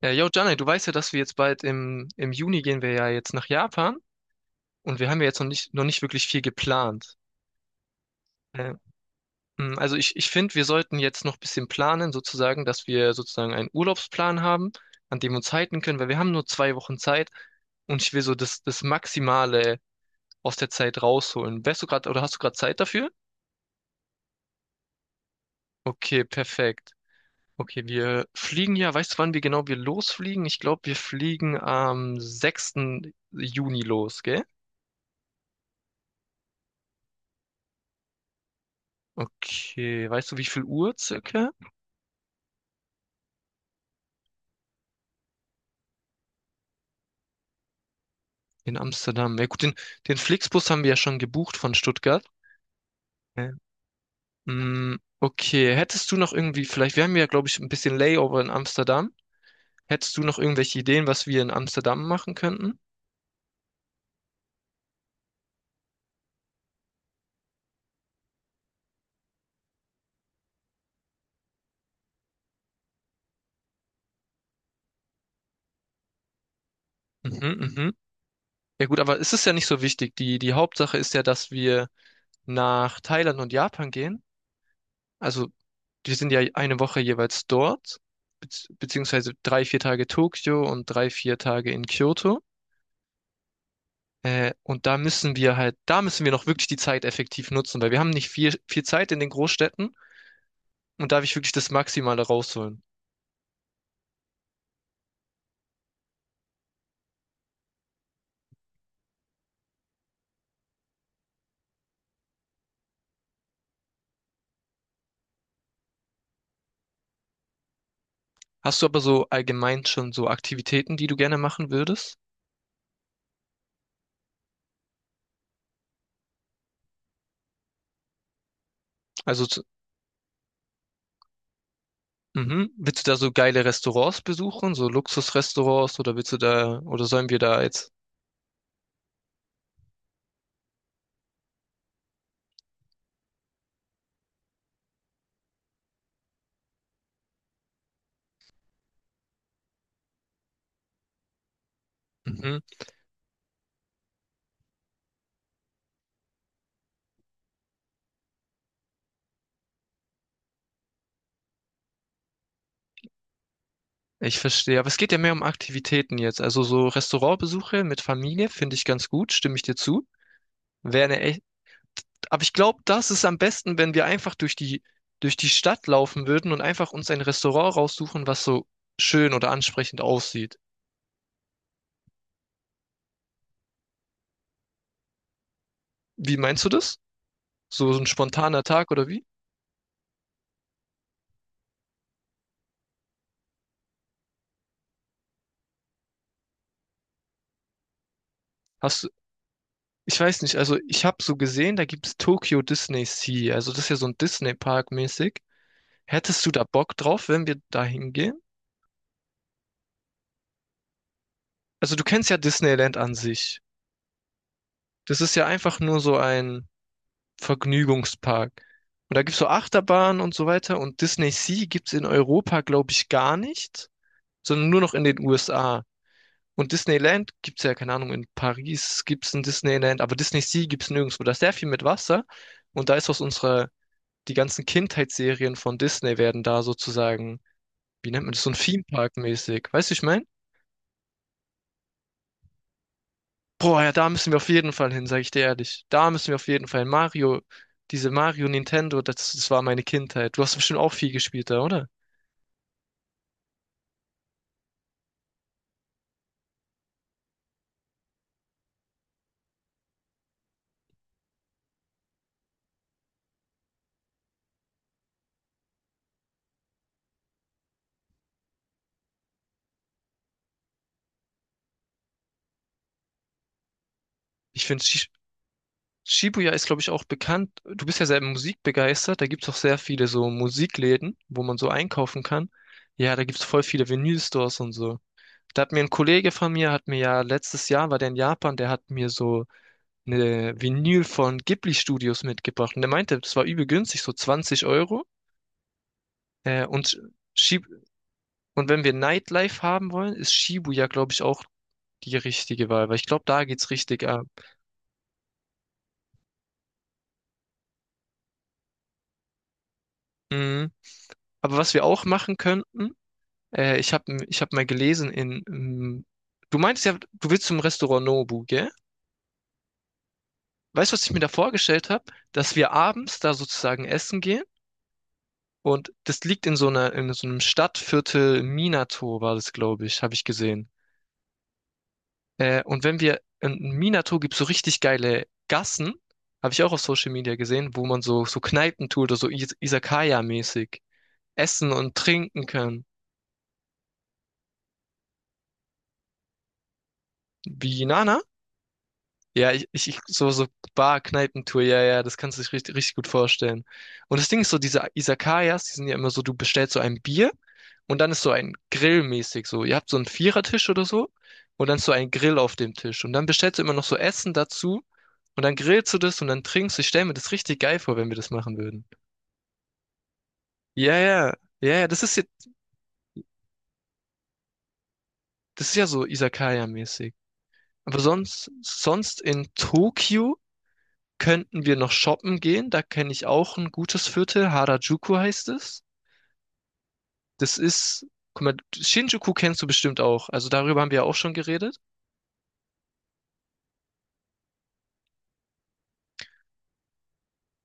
Yo, Janne, du weißt ja, dass wir jetzt bald im Juni gehen wir ja jetzt nach Japan und wir haben ja jetzt noch nicht wirklich viel geplant. Äh, also ich finde, wir sollten jetzt noch ein bisschen planen, sozusagen, dass wir sozusagen einen Urlaubsplan haben, an dem wir uns halten können, weil wir haben nur 2 Wochen Zeit und ich will so das Maximale aus der Zeit rausholen. Wärst du gerade oder hast du gerade Zeit dafür? Okay, perfekt. Okay, wir fliegen ja, weißt du, wann wir genau wir losfliegen? Ich glaube, wir fliegen am 6. Juni los, gell? Okay, weißt du, wie viel Uhr circa? In Amsterdam. Ja gut, den Flixbus haben wir ja schon gebucht von Stuttgart. Ja. Okay, hättest du noch irgendwie, vielleicht, wir haben ja, glaube ich, ein bisschen Layover in Amsterdam. Hättest du noch irgendwelche Ideen, was wir in Amsterdam machen könnten? Mhm, mhm. Ja gut, aber es ist ja nicht so wichtig. Die Hauptsache ist ja, dass wir nach Thailand und Japan gehen. Also, wir sind ja eine Woche jeweils dort, beziehungsweise 3, 4 Tage Tokio und 3, 4 Tage in Kyoto. Und da müssen wir halt, da müssen wir noch wirklich die Zeit effektiv nutzen, weil wir haben nicht viel, viel Zeit in den Großstädten und da will ich wirklich das Maximale rausholen. Hast du aber so allgemein schon so Aktivitäten, die du gerne machen würdest? Also, mhm. Willst du da so geile Restaurants besuchen, so Luxusrestaurants oder willst du da, oder sollen wir da jetzt? Mhm. Ich verstehe, aber es geht ja mehr um Aktivitäten jetzt. Also so Restaurantbesuche mit Familie finde ich ganz gut, stimme ich dir zu. Wäre eine, aber ich glaube, das ist am besten, wenn wir einfach durch die Stadt laufen würden und einfach uns ein Restaurant raussuchen, was so schön oder ansprechend aussieht. Wie meinst du das? So ein spontaner Tag oder wie? Hast du, ich weiß nicht, also ich habe so gesehen, da gibt es Tokyo Disney Sea, also das ist ja so ein Disney Park mäßig. Hättest du da Bock drauf, wenn wir da hingehen? Also du kennst ja Disneyland an sich. Das ist ja einfach nur so ein Vergnügungspark. Und da gibt's so Achterbahnen und so weiter. Und Disney Sea gibt's in Europa, glaube ich, gar nicht, sondern nur noch in den USA. Und Disneyland gibt's ja, keine Ahnung, in Paris gibt's ein Disneyland, aber Disney Sea gibt's nirgendwo. Da ist sehr viel mit Wasser. Und da ist aus unserer, die ganzen Kindheitsserien von Disney werden da sozusagen, wie nennt man das, so ein Theme Park mäßig. Weißt du, ich meine? Boah, ja, da müssen wir auf jeden Fall hin, sage ich dir ehrlich. Da müssen wir auf jeden Fall hin. Mario, diese Mario Nintendo, das war meine Kindheit. Du hast bestimmt auch viel gespielt da, oder? Ich finde, Shibuya ist, glaube ich, auch bekannt. Du bist ja sehr musikbegeistert. Da gibt's auch sehr viele so Musikläden, wo man so einkaufen kann. Ja, da gibt's voll viele Vinylstores und so. Da hat mir ein Kollege von mir, hat mir ja letztes Jahr, war der in Japan, der hat mir so eine Vinyl von Ghibli Studios mitgebracht. Und der meinte, das war übel günstig, so 20 Euro. Äh, und, Shib und wenn wir Nightlife haben wollen, ist Shibuya, glaube ich, auch die richtige Wahl, weil ich glaube, da geht's richtig ab. Mhm. Aber was wir auch machen könnten, ich hab mal gelesen in, du meintest ja, du willst zum Restaurant Nobu, gell? Weißt du, was ich mir da vorgestellt habe? Dass wir abends da sozusagen essen gehen. Und das liegt in so einer, in so einem Stadtviertel Minato war das, glaube ich, habe ich gesehen. Und wenn wir in Minato gibt es so richtig geile Gassen, habe ich auch auf Social Media gesehen, wo man so Kneipen tut oder so Is Izakaya-mäßig essen und trinken kann. Wie Nana? Ja, ich so Bar-Kneipentour, ja, ja, das kannst du dich richtig, richtig gut vorstellen. Und das Ding ist so, diese Izakayas, die sind ja immer so, du bestellst so ein Bier und dann ist so ein Grill mäßig so. Ihr habt so einen Vierertisch oder so und dann ist so ein Grill auf dem Tisch. Und dann bestellst du immer noch so Essen dazu und dann grillst du das und dann trinkst du. Ich stell mir das richtig geil vor, wenn wir das machen würden. Ja, ja, ja, ja, das ist ja so Izakaya-mäßig. Aber sonst in Tokio könnten wir noch shoppen gehen. Da kenne ich auch ein gutes Viertel. Harajuku heißt es. Das ist, guck mal, Shinjuku kennst du bestimmt auch. Also darüber haben wir ja auch schon geredet.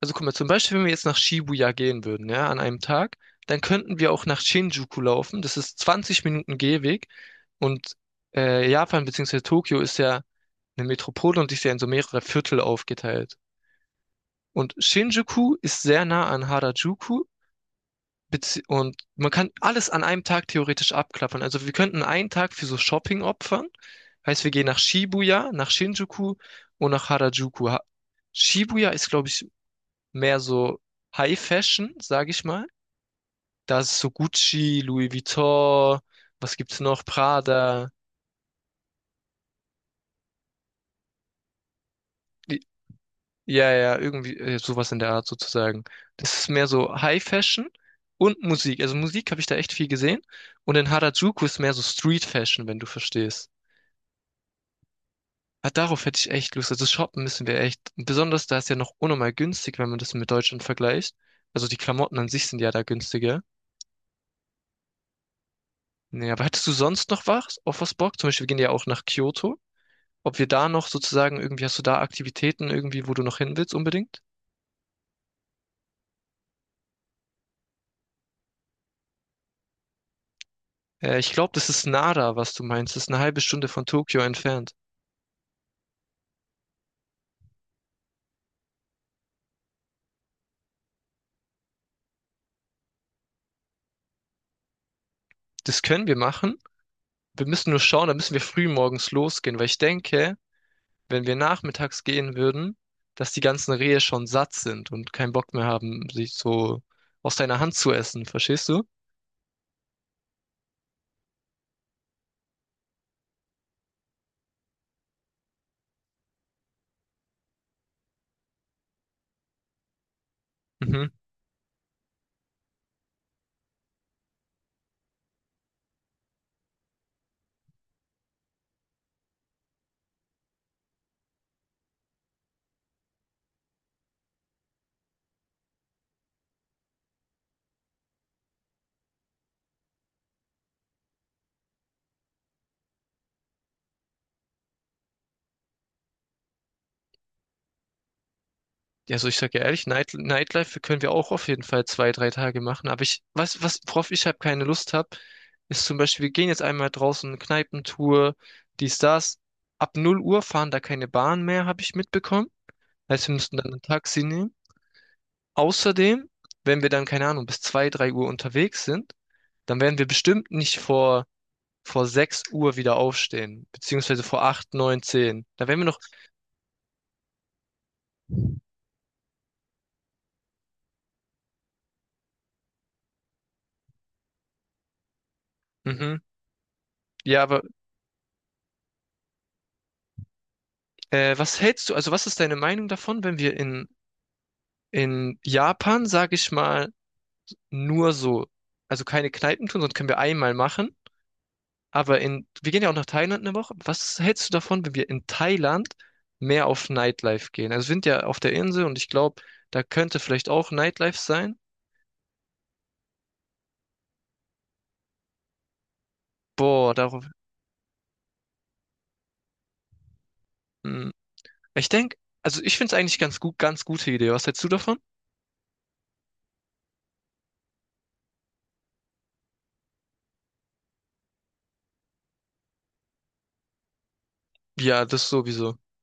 Also guck mal, zum Beispiel, wenn wir jetzt nach Shibuya gehen würden, ja, an einem Tag, dann könnten wir auch nach Shinjuku laufen. Das ist 20 Minuten Gehweg. Und Japan bzw. Tokio ist ja eine Metropole und ist ja in so mehrere Viertel aufgeteilt. Und Shinjuku ist sehr nah an Harajuku Bezie und man kann alles an einem Tag theoretisch abklappern. Also wir könnten einen Tag für so Shopping opfern. Heißt, wir gehen nach Shibuya, nach Shinjuku und nach Harajuku. Ha Shibuya ist, glaube ich, mehr so High Fashion, sage ich mal. Da ist so Gucci, Louis Vuitton, was gibt's noch? Prada. Die- Ja, ja, irgendwie sowas in der Art sozusagen. Das ist mehr so High Fashion und Musik. Also Musik habe ich da echt viel gesehen. Und in Harajuku ist mehr so Street Fashion, wenn du verstehst. Ja, darauf hätte ich echt Lust. Also shoppen müssen wir echt. Besonders da ist ja noch unnormal günstig, wenn man das mit Deutschland vergleicht. Also die Klamotten an sich sind ja da günstiger. Nee, aber hättest du sonst noch was auf was Bock? Zum Beispiel, wir gehen ja auch nach Kyoto. Ob wir da noch sozusagen irgendwie, hast du da Aktivitäten irgendwie, wo du noch hin willst unbedingt? Ich glaube, das ist Nara, was du meinst. Das ist eine halbe Stunde von Tokio entfernt. Das können wir machen. Wir müssen nur schauen, da müssen wir früh morgens losgehen, weil ich denke, wenn wir nachmittags gehen würden, dass die ganzen Rehe schon satt sind und keinen Bock mehr haben, sich so aus deiner Hand zu essen, verstehst du? Mhm. Ja, also ich sag ja ehrlich, Nightlife können wir auch auf jeden Fall 2, 3 Tage machen. Worauf ich halt keine Lust habe, ist zum Beispiel, wir gehen jetzt einmal draußen, eine Kneipentour, dies, das. Ab 0 Uhr fahren da keine Bahn mehr, habe ich mitbekommen. Heißt, wir müssten dann ein Taxi nehmen. Außerdem, wenn wir dann, keine Ahnung, bis 2, 3 Uhr unterwegs sind, dann werden wir bestimmt nicht vor 6 Uhr wieder aufstehen, beziehungsweise vor 8, 9, 10. Da wären wir noch. Mhm. Ja, aber was hältst du, also was ist deine Meinung davon, wenn wir in Japan, sag ich mal, nur so, also keine Kneipen tun, sonst können wir einmal machen. Aber in, wir gehen ja auch nach Thailand eine Woche. Was hältst du davon, wenn wir in Thailand mehr auf Nightlife gehen? Also wir sind ja auf der Insel und ich glaube, da könnte vielleicht auch Nightlife sein. Boah, darauf. Mm. Ich denke, also ich finde es eigentlich ganz gut, ganz gute Idee. Was hältst du davon? Ja, das sowieso.